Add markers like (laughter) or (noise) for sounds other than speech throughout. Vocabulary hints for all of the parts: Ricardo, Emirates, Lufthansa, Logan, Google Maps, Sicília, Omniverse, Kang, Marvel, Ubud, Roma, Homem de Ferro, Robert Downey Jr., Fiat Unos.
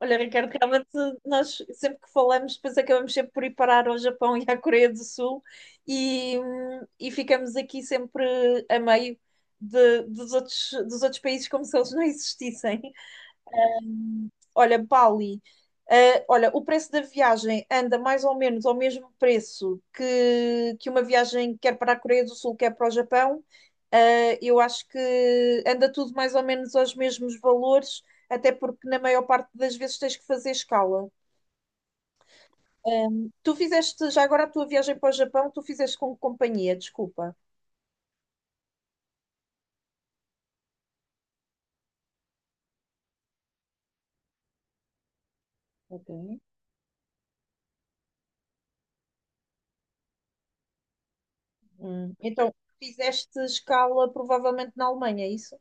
Olha, Ricardo, realmente nós sempre Que falamos, depois acabamos sempre por ir parar ao Japão e à Coreia do Sul e ficamos aqui sempre a meio dos outros países como se eles não existissem. Olha, Bali, olha, o preço da viagem anda mais ou menos ao mesmo preço que uma viagem quer para a Coreia do Sul, quer para o Japão. Eu acho que anda tudo mais ou menos aos mesmos valores, até porque na maior parte das vezes tens que fazer escala. Tu fizeste já agora a tua viagem para o Japão, tu fizeste com que companhia, desculpa. Ok. Então, fizeste escala provavelmente na Alemanha, é isso?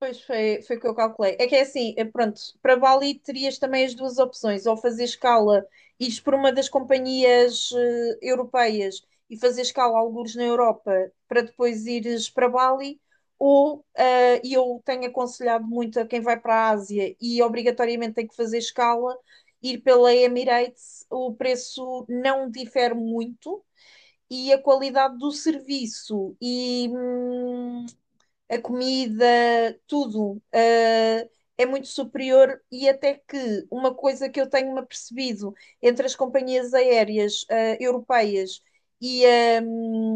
Pois foi, foi o que eu calculei. É que é assim, é pronto, para Bali terias também as duas opções, ou fazer escala, ires por uma das companhias europeias e fazer escala algures na Europa para depois ires para Bali, ou e eu tenho aconselhado muito a quem vai para a Ásia e obrigatoriamente tem que fazer escala, ir pela Emirates, o preço não difere muito e a qualidade do serviço, a comida, tudo, é muito superior e até que uma coisa que eu tenho-me apercebido entre as companhias aéreas europeias e, a-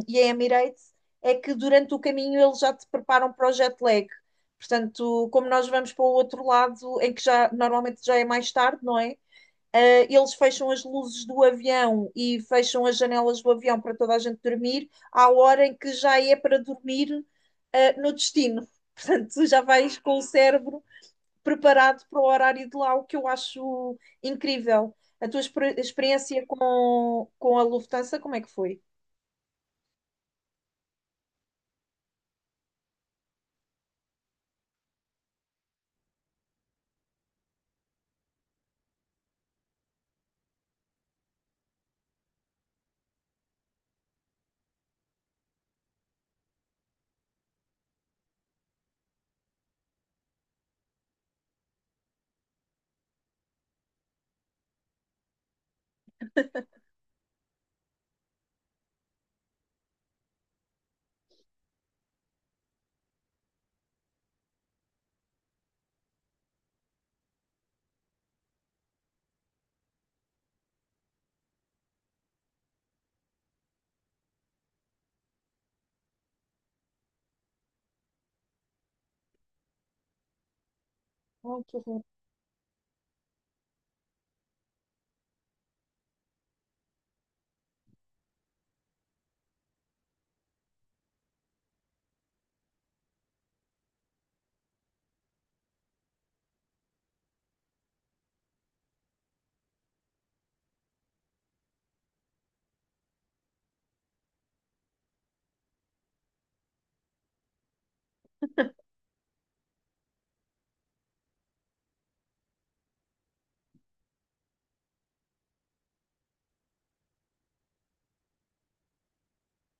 e a Emirates é que durante o caminho eles já te preparam para o jet lag. Portanto, como nós vamos para o outro lado, em que já normalmente já é mais tarde, não é? Eles fecham as luzes do avião e fecham as janelas do avião para toda a gente dormir, à hora em que já é para dormir no destino. (laughs) Portanto, tu já vais com o cérebro preparado para o horário de lá, o que eu acho incrível. A tua experiência com a Lufthansa, como é que foi? Ai, que horror.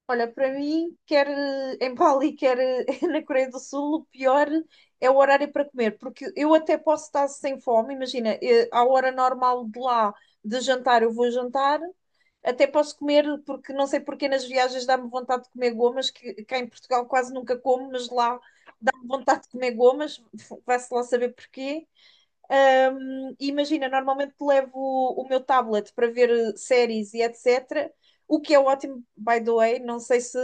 Olha, para mim, quer em Bali, quer (laughs) na Coreia do Sul, o pior é o horário para comer, porque eu até posso estar sem fome, imagina, à hora normal de lá de jantar eu vou jantar, até posso comer, porque não sei porque nas viagens dá-me vontade de comer gomas, que cá em Portugal quase nunca como, mas lá dá-me vontade de comer gomas, (laughs) vai-se lá saber porquê. Imagina, normalmente levo o meu tablet para ver séries e etc. O que é ótimo, by the way, não sei se.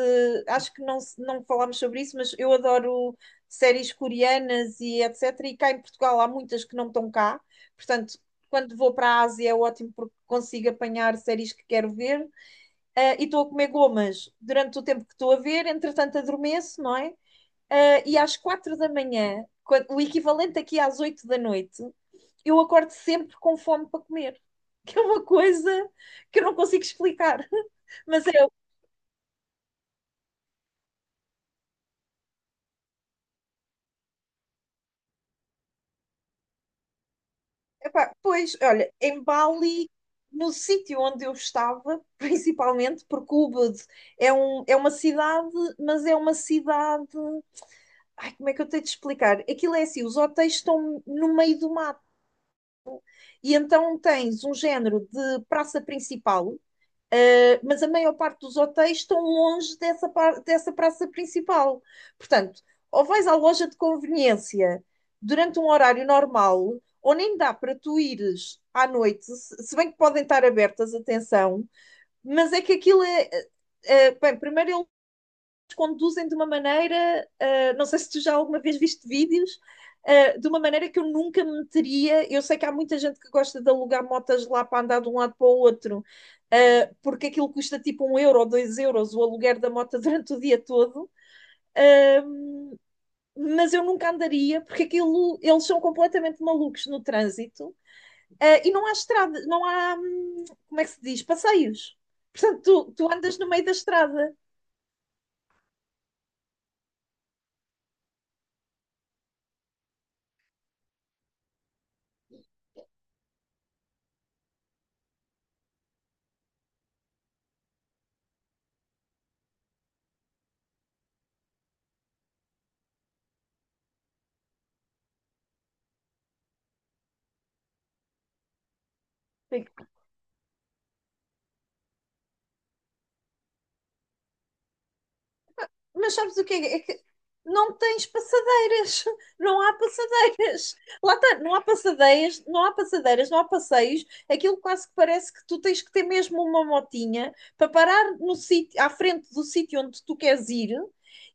Acho que não, não falámos sobre isso, mas eu adoro séries coreanas e etc. E cá em Portugal há muitas que não estão cá. Portanto, quando vou para a Ásia é ótimo porque consigo apanhar séries que quero ver. Ah, e estou a comer gomas durante o tempo que estou a ver, entretanto adormeço, não é? Ah, e às 4 da manhã, o equivalente aqui às 8 da noite, eu acordo sempre com fome para comer, (laughs) que é uma coisa que eu não consigo explicar. (laughs) Mas eu, epá, pois, olha, em Bali, no sítio onde eu estava, (laughs) principalmente, porque Ubud é uma cidade, mas é uma cidade. Ai, como é que eu tenho de explicar? Aquilo é assim: os hotéis estão no meio do mato, e então tens um género de praça principal. Mas a maior parte dos hotéis estão longe dessa, dessa praça principal. Portanto, ou vais à loja de conveniência durante um horário normal, ou nem dá para tu ires à noite, se bem que podem estar abertas, atenção, mas é que aquilo é, bem, primeiro conduzem de uma maneira, não sei se tu já alguma vez viste vídeos, de uma maneira que eu nunca me meteria. Eu sei que há muita gente que gosta de alugar motas lá para andar de um lado para o outro, porque aquilo custa tipo 1 euro ou 2 euros o aluguer da moto (laughs) durante o dia todo. uh, mas eu nunca andaria porque aquilo eles são completamente malucos no trânsito, e não há estrada, não há, como é que se diz? Passeios. Portanto, tu andas no meio da estrada. Mas sabes o que é? É que não tens passadeiras, (laughs) não há passadeiras. Lá está, não há passadeiras, não há passadeiras, não há passeios. Aquilo quase que parece que tu tens que ter mesmo uma motinha para parar no sítio, à frente do sítio onde tu queres ir.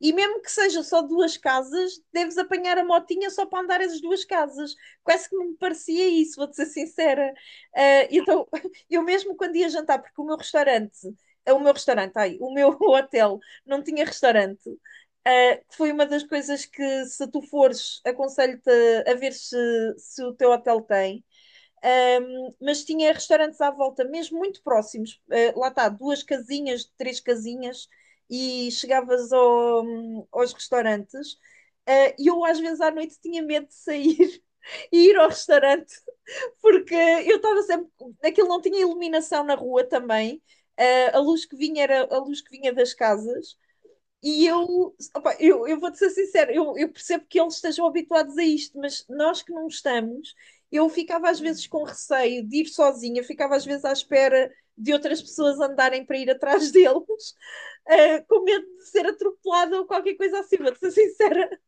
E mesmo que seja só duas casas, deves apanhar a motinha só para andar as duas casas. Quase que me parecia isso, vou-te ser sincera. Ah, então, (laughs) eu mesmo quando ia jantar, porque o meu restaurante, ai, o meu (laughs) hotel não tinha restaurante. Que foi uma das coisas que, se tu fores, aconselho-te a ver se, se o teu hotel tem. Mas tinha restaurantes à volta, mesmo muito próximos. Lá está, duas casinhas, três casinhas, e chegavas aos restaurantes. E eu, às vezes, à noite tinha medo de sair (laughs) e ir ao restaurante, porque eu estava sempre. Aquilo não tinha iluminação na rua também. A luz que vinha era a luz que vinha das casas e eu, opa, eu vou-te ser sincera, eu percebo que eles estejam habituados a isto, mas nós que não estamos, eu ficava às vezes com receio de ir sozinha, ficava às vezes à espera de outras pessoas andarem para ir atrás deles, (laughs) com medo de ser atropelada ou qualquer coisa assim, vou-te ser sincera.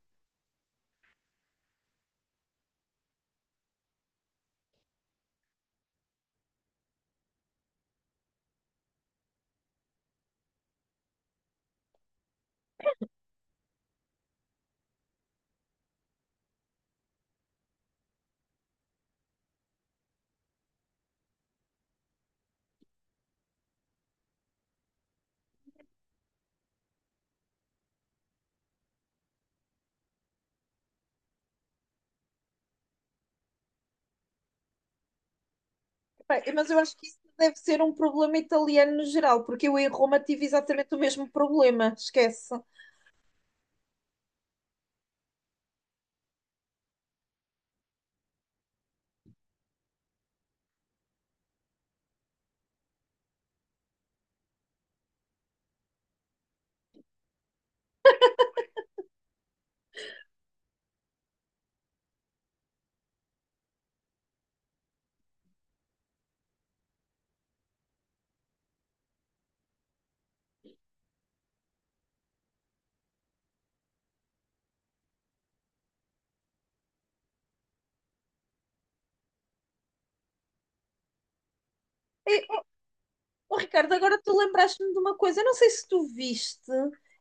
Pá, mas eu acho que isso deve ser um problema italiano no geral, porque eu em Roma tive exatamente o mesmo problema, esquece. Oh, Ricardo, agora tu lembraste-me de uma coisa. Eu não sei se tu viste.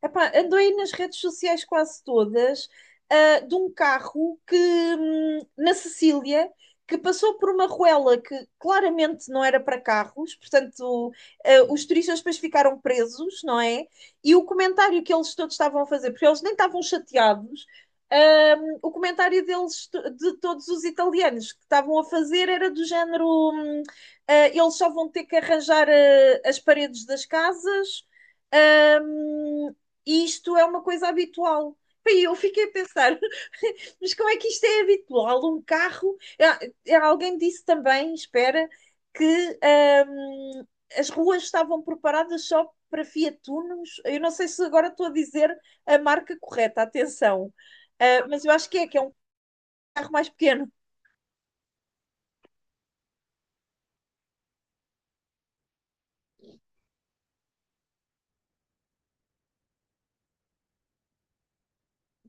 Epá, andou aí nas redes sociais quase todas, ah, de um carro que na Sicília, que passou por uma ruela que claramente não era para carros, portanto, ah, os turistas depois ficaram presos, não é? E o comentário que eles todos estavam a fazer, porque eles nem estavam chateados, o comentário deles, de todos os italianos que estavam a fazer, era do género. hum, ah, eles só vão ter que arranjar ah, as paredes das casas, ahm, e isto é uma coisa habitual. E eu fiquei a pensar, (laughs) mas como é que isto é habitual? Um carro. Ah, alguém disse também, espera, que as ruas estavam preparadas só para Fiat Unos. Eu não sei se agora estou a dizer a marca correta, atenção. Ah, mas eu acho que é um carro mais pequeno,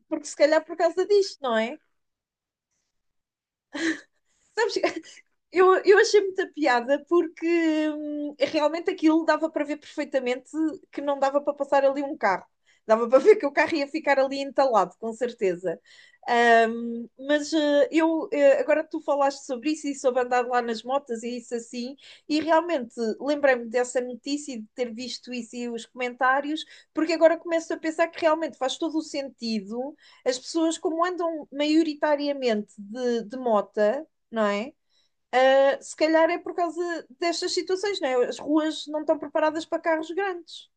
porque se calhar por causa disto, não é? Sabes, eu achei muita piada porque realmente aquilo dava para ver perfeitamente que não dava para passar ali um carro. Dava para (laughs) ver que o carro ia ficar ali entalado, com certeza. Mas agora tu falaste sobre isso e sobre andar lá nas motas e isso assim, e realmente lembrei-me dessa notícia e de ter visto isso e os comentários, porque agora começo a pensar que realmente faz todo o sentido as pessoas, como andam maioritariamente de mota, não é? Se calhar é por causa destas situações, não é? As ruas não estão preparadas para carros grandes.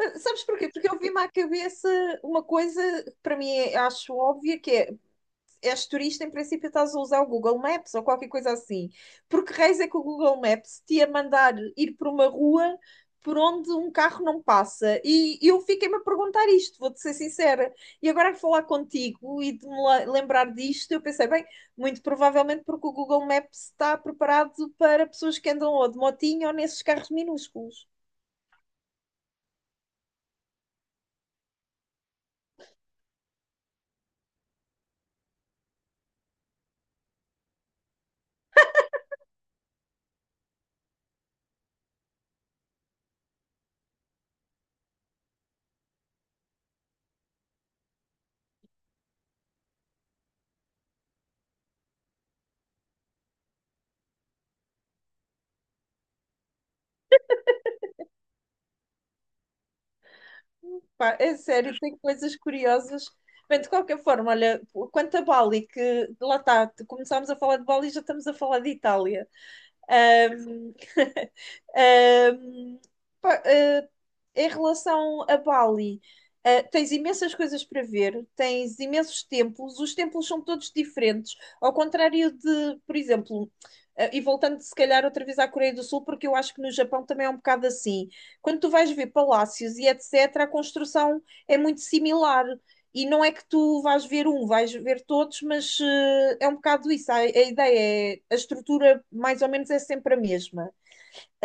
Sabes porquê? Porque eu vi-me à cabeça uma coisa que para mim acho óbvia, que é és turista, em princípio estás a usar o Google Maps ou qualquer coisa assim. Porque reis é que o Google Maps te ia mandar ir por uma rua por onde um carro não passa. E eu fiquei-me a perguntar isto, vou-te ser sincera. E agora a falar contigo e de me lembrar disto, eu pensei, bem, muito provavelmente porque o Google Maps está preparado para pessoas que andam ou de motinho ou nesses carros minúsculos. Pá, é sério, tem coisas curiosas. Bem, de qualquer forma, olha, quanto a Bali, que lá está, começámos a falar de Bali e já estamos a falar de Itália. Um, um, (laughs) pá, em relação a Bali, tens imensas coisas para ver, tens imensos templos, os templos são todos diferentes, ao contrário de, por exemplo, e voltando se calhar outra vez à Coreia do Sul, porque eu acho que no Japão também é um bocado assim. Quando tu vais ver palácios e etc., a construção é muito similar. E não é que tu vais ver um, vais ver todos, mas é um bocado isso. A ideia é, a estrutura mais ou menos é sempre a mesma.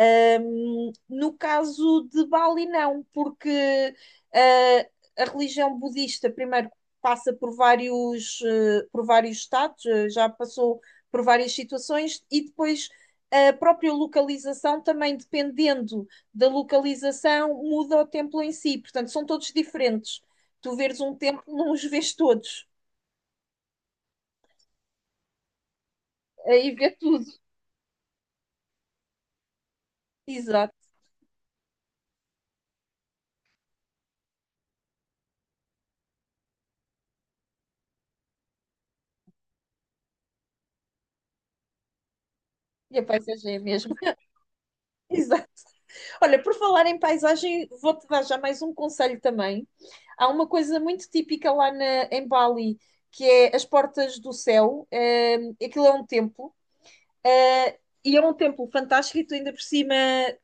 No caso de Bali, não, porque a religião budista primeiro passa por vários estados, já passou por várias situações, e depois a própria localização também, dependendo da localização, muda o templo em si. Portanto, são todos diferentes. Tu veres um templo, não os vês todos. Aí vê tudo. Exato. E a paisagem é a mesma. (laughs) Exato. Olha, por falar em paisagem, vou-te dar já mais um conselho também. Há uma coisa muito típica lá em Bali, que é as portas do céu. Aquilo é um templo, eh, e é um templo fantástico e tu ainda por cima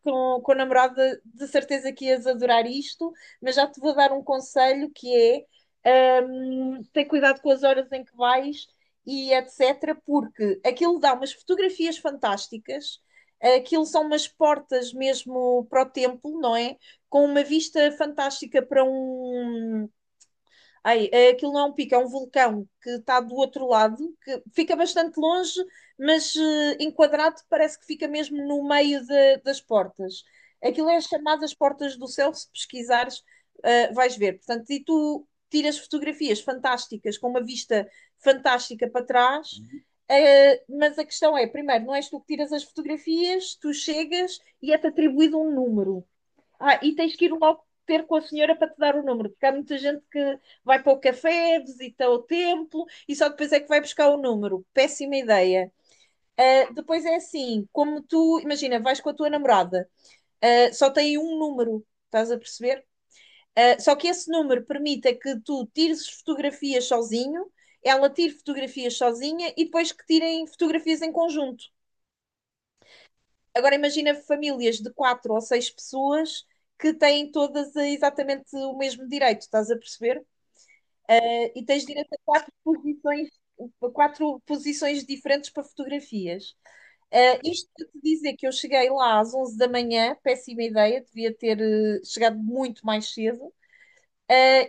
com a namorada de certeza que ias adorar isto, mas já te vou dar um conselho que é ter cuidado com as horas em que vais e etc, porque aquilo dá umas fotografias fantásticas, aquilo são umas portas mesmo para o templo, não é? Com uma vista fantástica para um. Ai, é, aquilo não é um pico, é um vulcão que está do outro lado, que fica bastante longe, mas enquadrado parece que fica mesmo no meio das portas. Aquilo é chamado as chamadas portas do céu, se pesquisares, vais ver. Portanto, e tu tiras fotografias fantásticas, com uma vista fantástica para trás, mas a questão é, primeiro, não és tu que tiras as fotografias, tu chegas e é-te atribuído um número. Ah, e tens que ir logo ter com a senhora para te dar o número, porque há muita gente que vai para o café, visita o templo e só depois é que vai buscar o número. Péssima ideia. Ah, depois é assim, como tu, imagina, vais com a tua namorada, ah, só tem um número, estás a perceber? Ah, só que esse número permita que tu tires fotografias sozinho, ela tire fotografias sozinha e depois que tirem fotografias em conjunto. Agora imagina famílias de quatro ou seis pessoas que têm todas exatamente o mesmo direito, estás a perceber? E tens direito a quatro posições diferentes para fotografias. Isto para te dizer que eu cheguei lá às 11 da manhã, péssima ideia, devia ter chegado muito mais cedo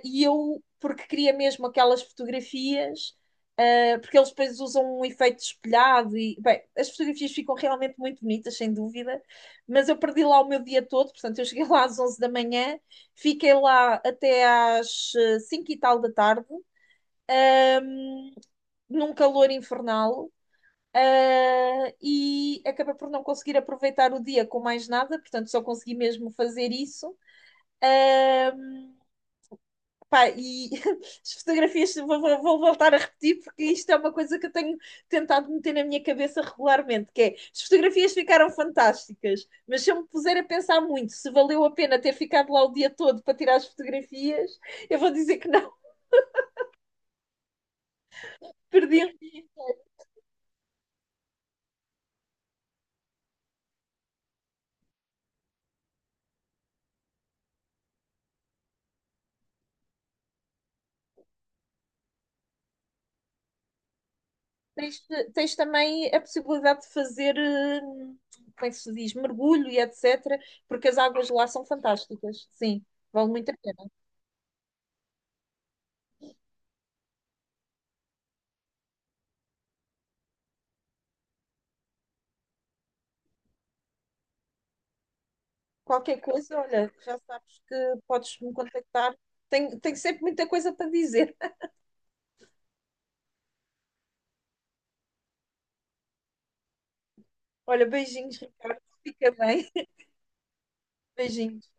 e eu, porque queria mesmo aquelas fotografias, ah, porque eles depois usam um efeito espelhado e, bem, as fotografias ficam realmente muito bonitas, sem dúvida, mas eu perdi lá o meu dia todo, portanto, eu cheguei lá às 11 da manhã, fiquei lá até às 5 e tal da tarde, num calor infernal, ah, e acabei por não conseguir aproveitar o dia com mais nada, portanto, só consegui mesmo fazer isso. Pá, e (laughs) as fotografias vou voltar a repetir porque isto é uma coisa que eu tenho tentado meter na minha cabeça regularmente, que é, as fotografias ficaram fantásticas, mas se eu me puser a pensar muito se valeu a pena ter ficado lá o dia todo para tirar as fotografias, eu vou dizer que não, (laughs) perdi o dia. Tens, tens também a possibilidade de fazer, como é que se diz, mergulho e etc, porque as águas lá são fantásticas, sim, vale muito a pena. Qualquer coisa, olha, já sabes que podes me contactar. Tenho, tenho sempre muita coisa para dizer. Olha, beijinhos, Ricardo. Fica bem. Beijinhos.